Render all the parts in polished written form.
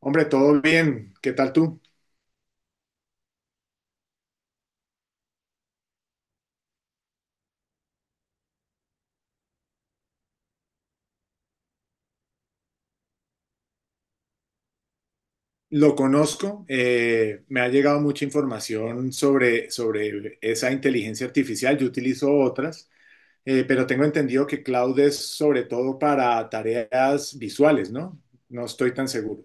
Hombre, todo bien. ¿Qué tal tú? Lo conozco. Me ha llegado mucha información sobre esa inteligencia artificial. Yo utilizo otras, pero tengo entendido que Cloud es sobre todo para tareas visuales, ¿no? No estoy tan seguro.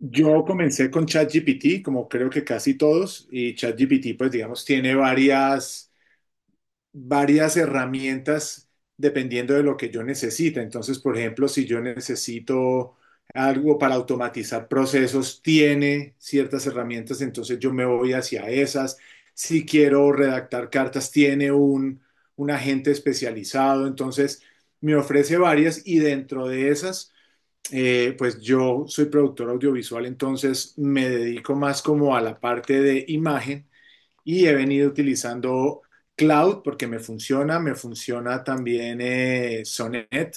Yo comencé con ChatGPT, como creo que casi todos, y ChatGPT, pues digamos, tiene varias herramientas dependiendo de lo que yo necesite. Entonces, por ejemplo, si yo necesito algo para automatizar procesos, tiene ciertas herramientas, entonces yo me voy hacia esas. Si quiero redactar cartas, tiene un agente especializado, entonces me ofrece varias y dentro de esas, pues yo soy productor audiovisual, entonces me dedico más como a la parte de imagen y he venido utilizando Cloud porque me funciona también Sonnet.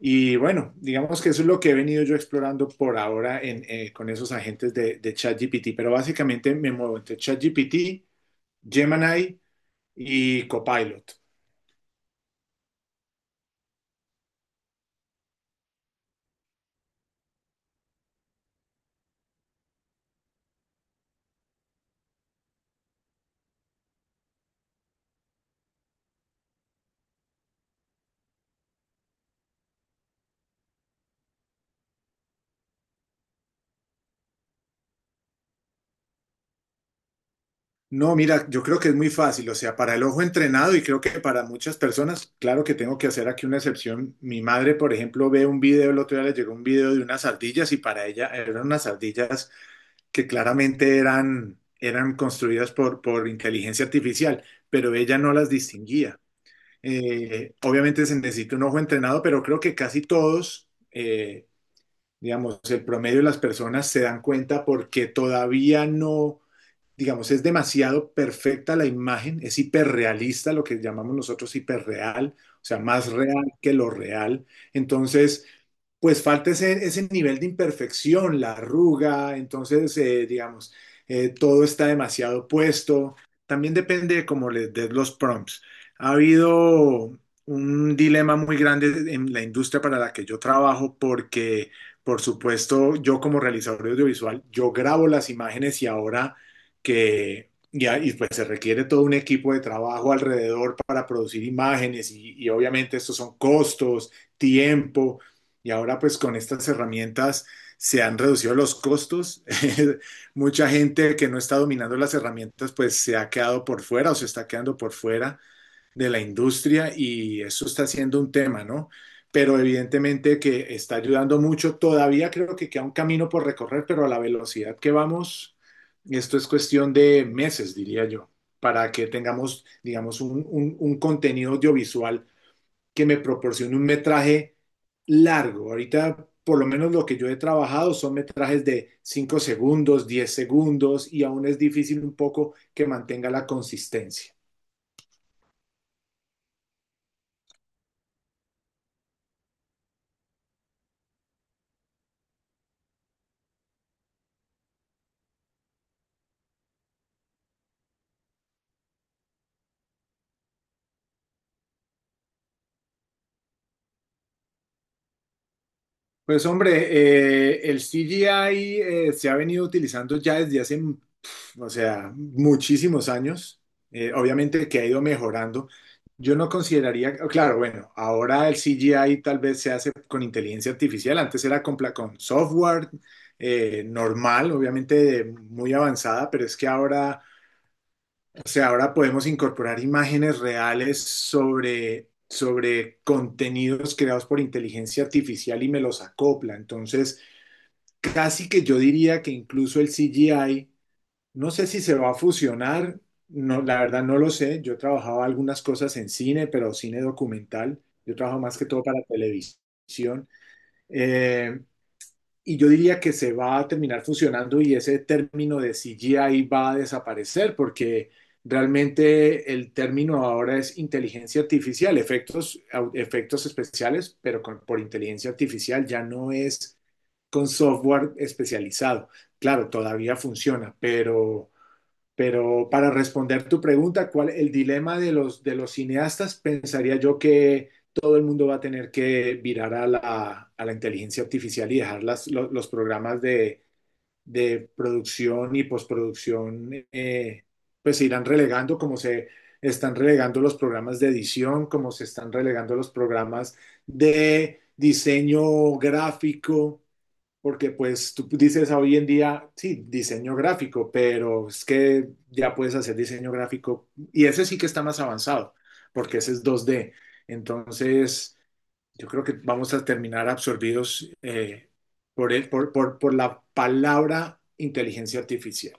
Y bueno, digamos que eso es lo que he venido yo explorando por ahora en, con esos agentes de ChatGPT, pero básicamente me muevo entre ChatGPT, Gemini y Copilot. No, mira, yo creo que es muy fácil, o sea, para el ojo entrenado y creo que para muchas personas, claro que tengo que hacer aquí una excepción. Mi madre, por ejemplo, ve un video, el otro día le llegó un video de unas ardillas y para ella eran unas ardillas que claramente eran construidas por inteligencia artificial, pero ella no las distinguía. Obviamente se necesita un ojo entrenado, pero creo que casi todos, digamos, el promedio de las personas se dan cuenta porque todavía no digamos, es demasiado perfecta la imagen, es hiperrealista, lo que llamamos nosotros hiperreal, o sea, más real que lo real. Entonces, pues falta ese nivel de imperfección, la arruga, entonces, digamos, todo está demasiado puesto. También depende de cómo le des los prompts. Ha habido un dilema muy grande en la industria para la que yo trabajo porque, por supuesto, yo como realizador audiovisual, yo grabo las imágenes y ahora que y, a- y, pues se requiere todo un equipo de trabajo alrededor para producir imágenes y obviamente estos son costos, tiempo y ahora pues con estas herramientas se han reducido los costos. Mucha gente que no está dominando las herramientas pues se ha quedado por fuera o se está quedando por fuera de la industria y eso está siendo un tema, ¿no? Pero evidentemente que está ayudando mucho. Todavía creo que queda un camino por recorrer, pero a la velocidad que vamos, esto es cuestión de meses, diría yo, para que tengamos, digamos, un contenido audiovisual que me proporcione un metraje largo. Ahorita, por lo menos lo que yo he trabajado son metrajes de 5 segundos, 10 segundos, y aún es difícil un poco que mantenga la consistencia. Pues hombre, el CGI se ha venido utilizando ya desde hace, pf, o sea, muchísimos años. Obviamente que ha ido mejorando. Yo no consideraría, claro, bueno, ahora el CGI tal vez se hace con inteligencia artificial. Antes era con software normal, obviamente de- muy avanzada, pero es que ahora, o sea, ahora podemos incorporar imágenes reales sobre contenidos creados por inteligencia artificial y me los acopla. Entonces… casi que yo diría que incluso el CGI, no sé si se va a fusionar, no, la verdad no lo sé. Yo trabajaba algunas cosas en cine, pero cine documental. Yo trabajo más que todo para televisión. Eh, y yo diría que se va a terminar fusionando y ese término de CGI va a desaparecer porque realmente el término ahora es inteligencia artificial, efectos, au- efectos especiales, pero con- por inteligencia artificial ya no es con software especializado. Claro, todavía funciona, pero para responder tu pregunta, ¿cuál el dilema de los cineastas? Pensaría yo que todo el mundo va a tener que virar a la inteligencia artificial y dejar programas de producción y postproducción, pues se irán relegando como se están relegando los programas de edición, como se están relegando los programas de diseño gráfico porque pues tú dices hoy en día, sí, diseño gráfico, pero es que ya puedes hacer diseño gráfico y ese sí que está más avanzado, porque ese es dos d. Entonces, yo creo que vamos a terminar absorbidos por la palabra inteligencia artificial.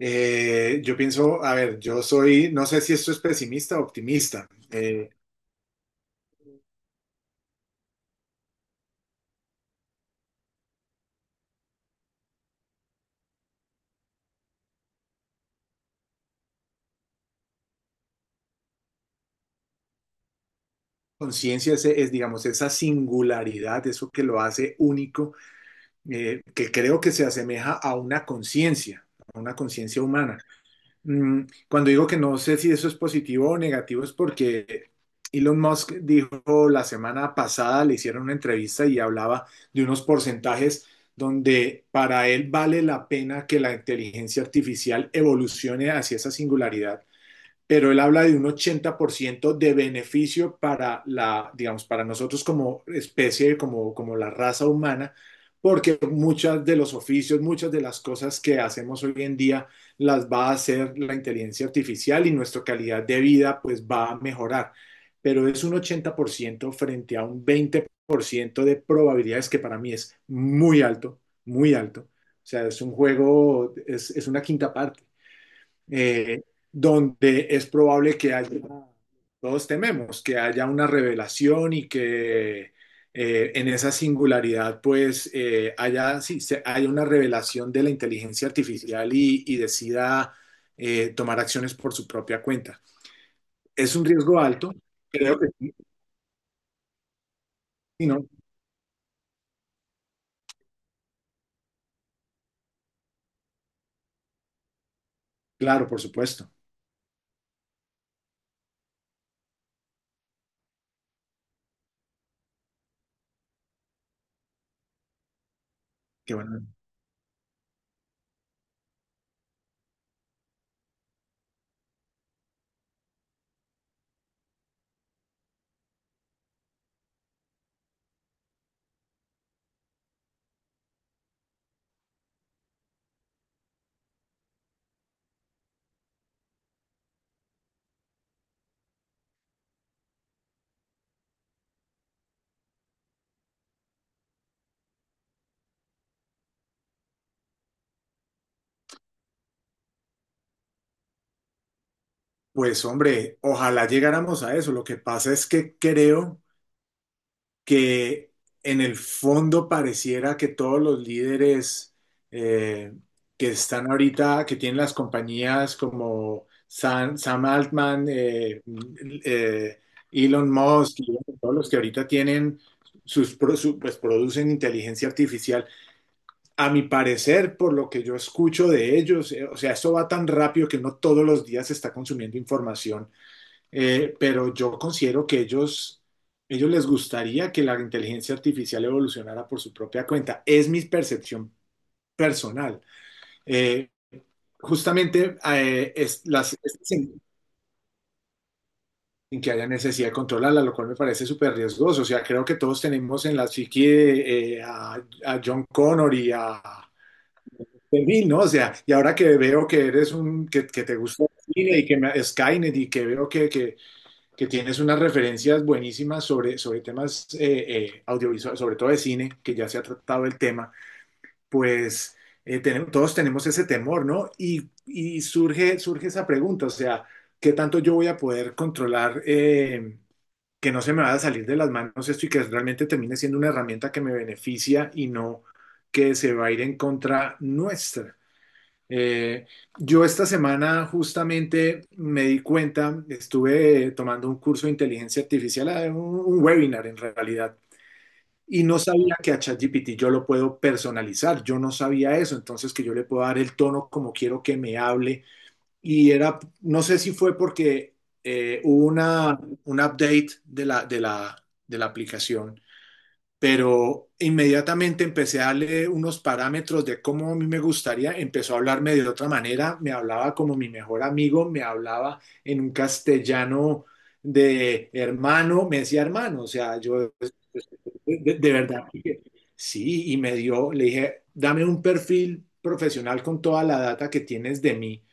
Yo pienso, a ver, yo soy, no sé si esto es pesimista o optimista. Conciencia es, digamos, esa singularidad, eso que lo hace único que creo que se asemeja a una conciencia humana. Mm, cuando digo que no sé si eso es positivo o negativo es porque Elon Musk dijo la semana pasada, le hicieron una entrevista y hablaba de unos porcentajes donde para él vale la pena que la inteligencia artificial evolucione hacia esa singularidad, pero él habla de un 80% de beneficio para la, digamos, para nosotros como especie, como, como la raza humana, porque muchas de los oficios, muchas de las cosas que hacemos hoy en día las va a hacer la inteligencia artificial y nuestra calidad de vida pues va a mejorar, pero es un 80% frente a un 20% de probabilidades que para mí es muy alto, muy alto. O sea, es un juego, es una quinta parte eh, donde es probable que haya, todos tememos, que haya una revelación y que en esa singularidad pues haya, sí, se- haya una revelación de la inteligencia artificial y decida tomar acciones por su propia cuenta. Es un riesgo alto, creo que sí, sí, ¿no? Claro, por supuesto. Que bueno, pues hombre, ojalá llegáramos a eso. Lo que pasa es que creo que en el fondo pareciera que todos los líderes eh, que están ahorita, que tienen las compañías como Sam Altman, eh, Elon Musk, y bueno, todos los que ahorita tienen pues producen inteligencia artificial. A mi parecer, por lo que yo escucho de ellos, o sea, eso va tan rápido que no todos los días se está consumiendo información pero yo considero que ellos les gustaría que la inteligencia artificial evolucionara por su propia cuenta. Es mi percepción personal. Eh, Justamente es, las, es sin, sin que haya necesidad de controlarla, lo cual me parece súper riesgoso. O sea, creo que todos tenemos en la psique a John Connor y a Bill, ¿no? O sea, y ahora que veo que eres un, que te gusta el cine y que me, Skynet y que veo que tienes unas referencias buenísimas sobre temas audiovisuales, sobre todo de cine, que ya se ha tratado el tema, pues tenemos, todos tenemos ese temor, ¿no? Surge, surge esa pregunta, o sea, ¿qué tanto yo voy a poder controlar que no se me vaya a salir de las manos esto y que realmente termine siendo una herramienta que me beneficia y no que se va a ir en contra nuestra? Eh, yo esta semana justamente me di cuenta, estuve tomando un curso de inteligencia artificial, un webinar en realidad, y no sabía que a ChatGPT yo lo puedo personalizar, yo no sabía eso, entonces que yo le puedo dar el tono como quiero que me hable, y era, no sé si fue porque hubo una, un update de la aplicación, pero inmediatamente empecé a darle unos parámetros de cómo a mí me gustaría, empezó a hablarme de otra manera, me hablaba como mi mejor amigo, me hablaba en un castellano de hermano, me decía hermano, o sea, yo pues, de verdad, sí, y me dio, le dije, dame un perfil profesional con toda la data que tienes de mí,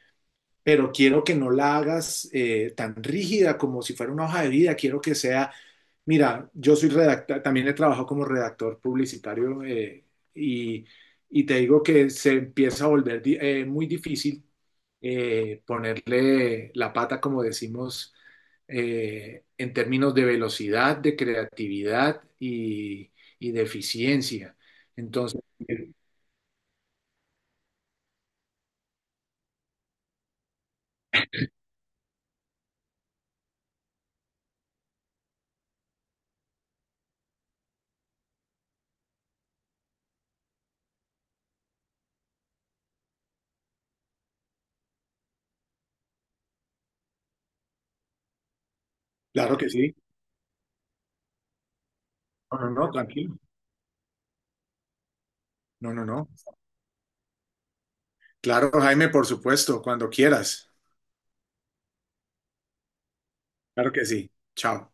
pero quiero que no la hagas tan rígida como si fuera una hoja de vida, quiero que sea… mira, yo soy redactor, también he trabajado como redactor publicitario y, y te digo que se empieza a volver di- muy difícil ponerle la pata, como decimos, en términos de velocidad, de creatividad y de eficiencia. Entonces, claro que sí. No, no, no, tranquilo. No, no, no. Claro, Jaime, por supuesto, cuando quieras. Claro que sí. Chao.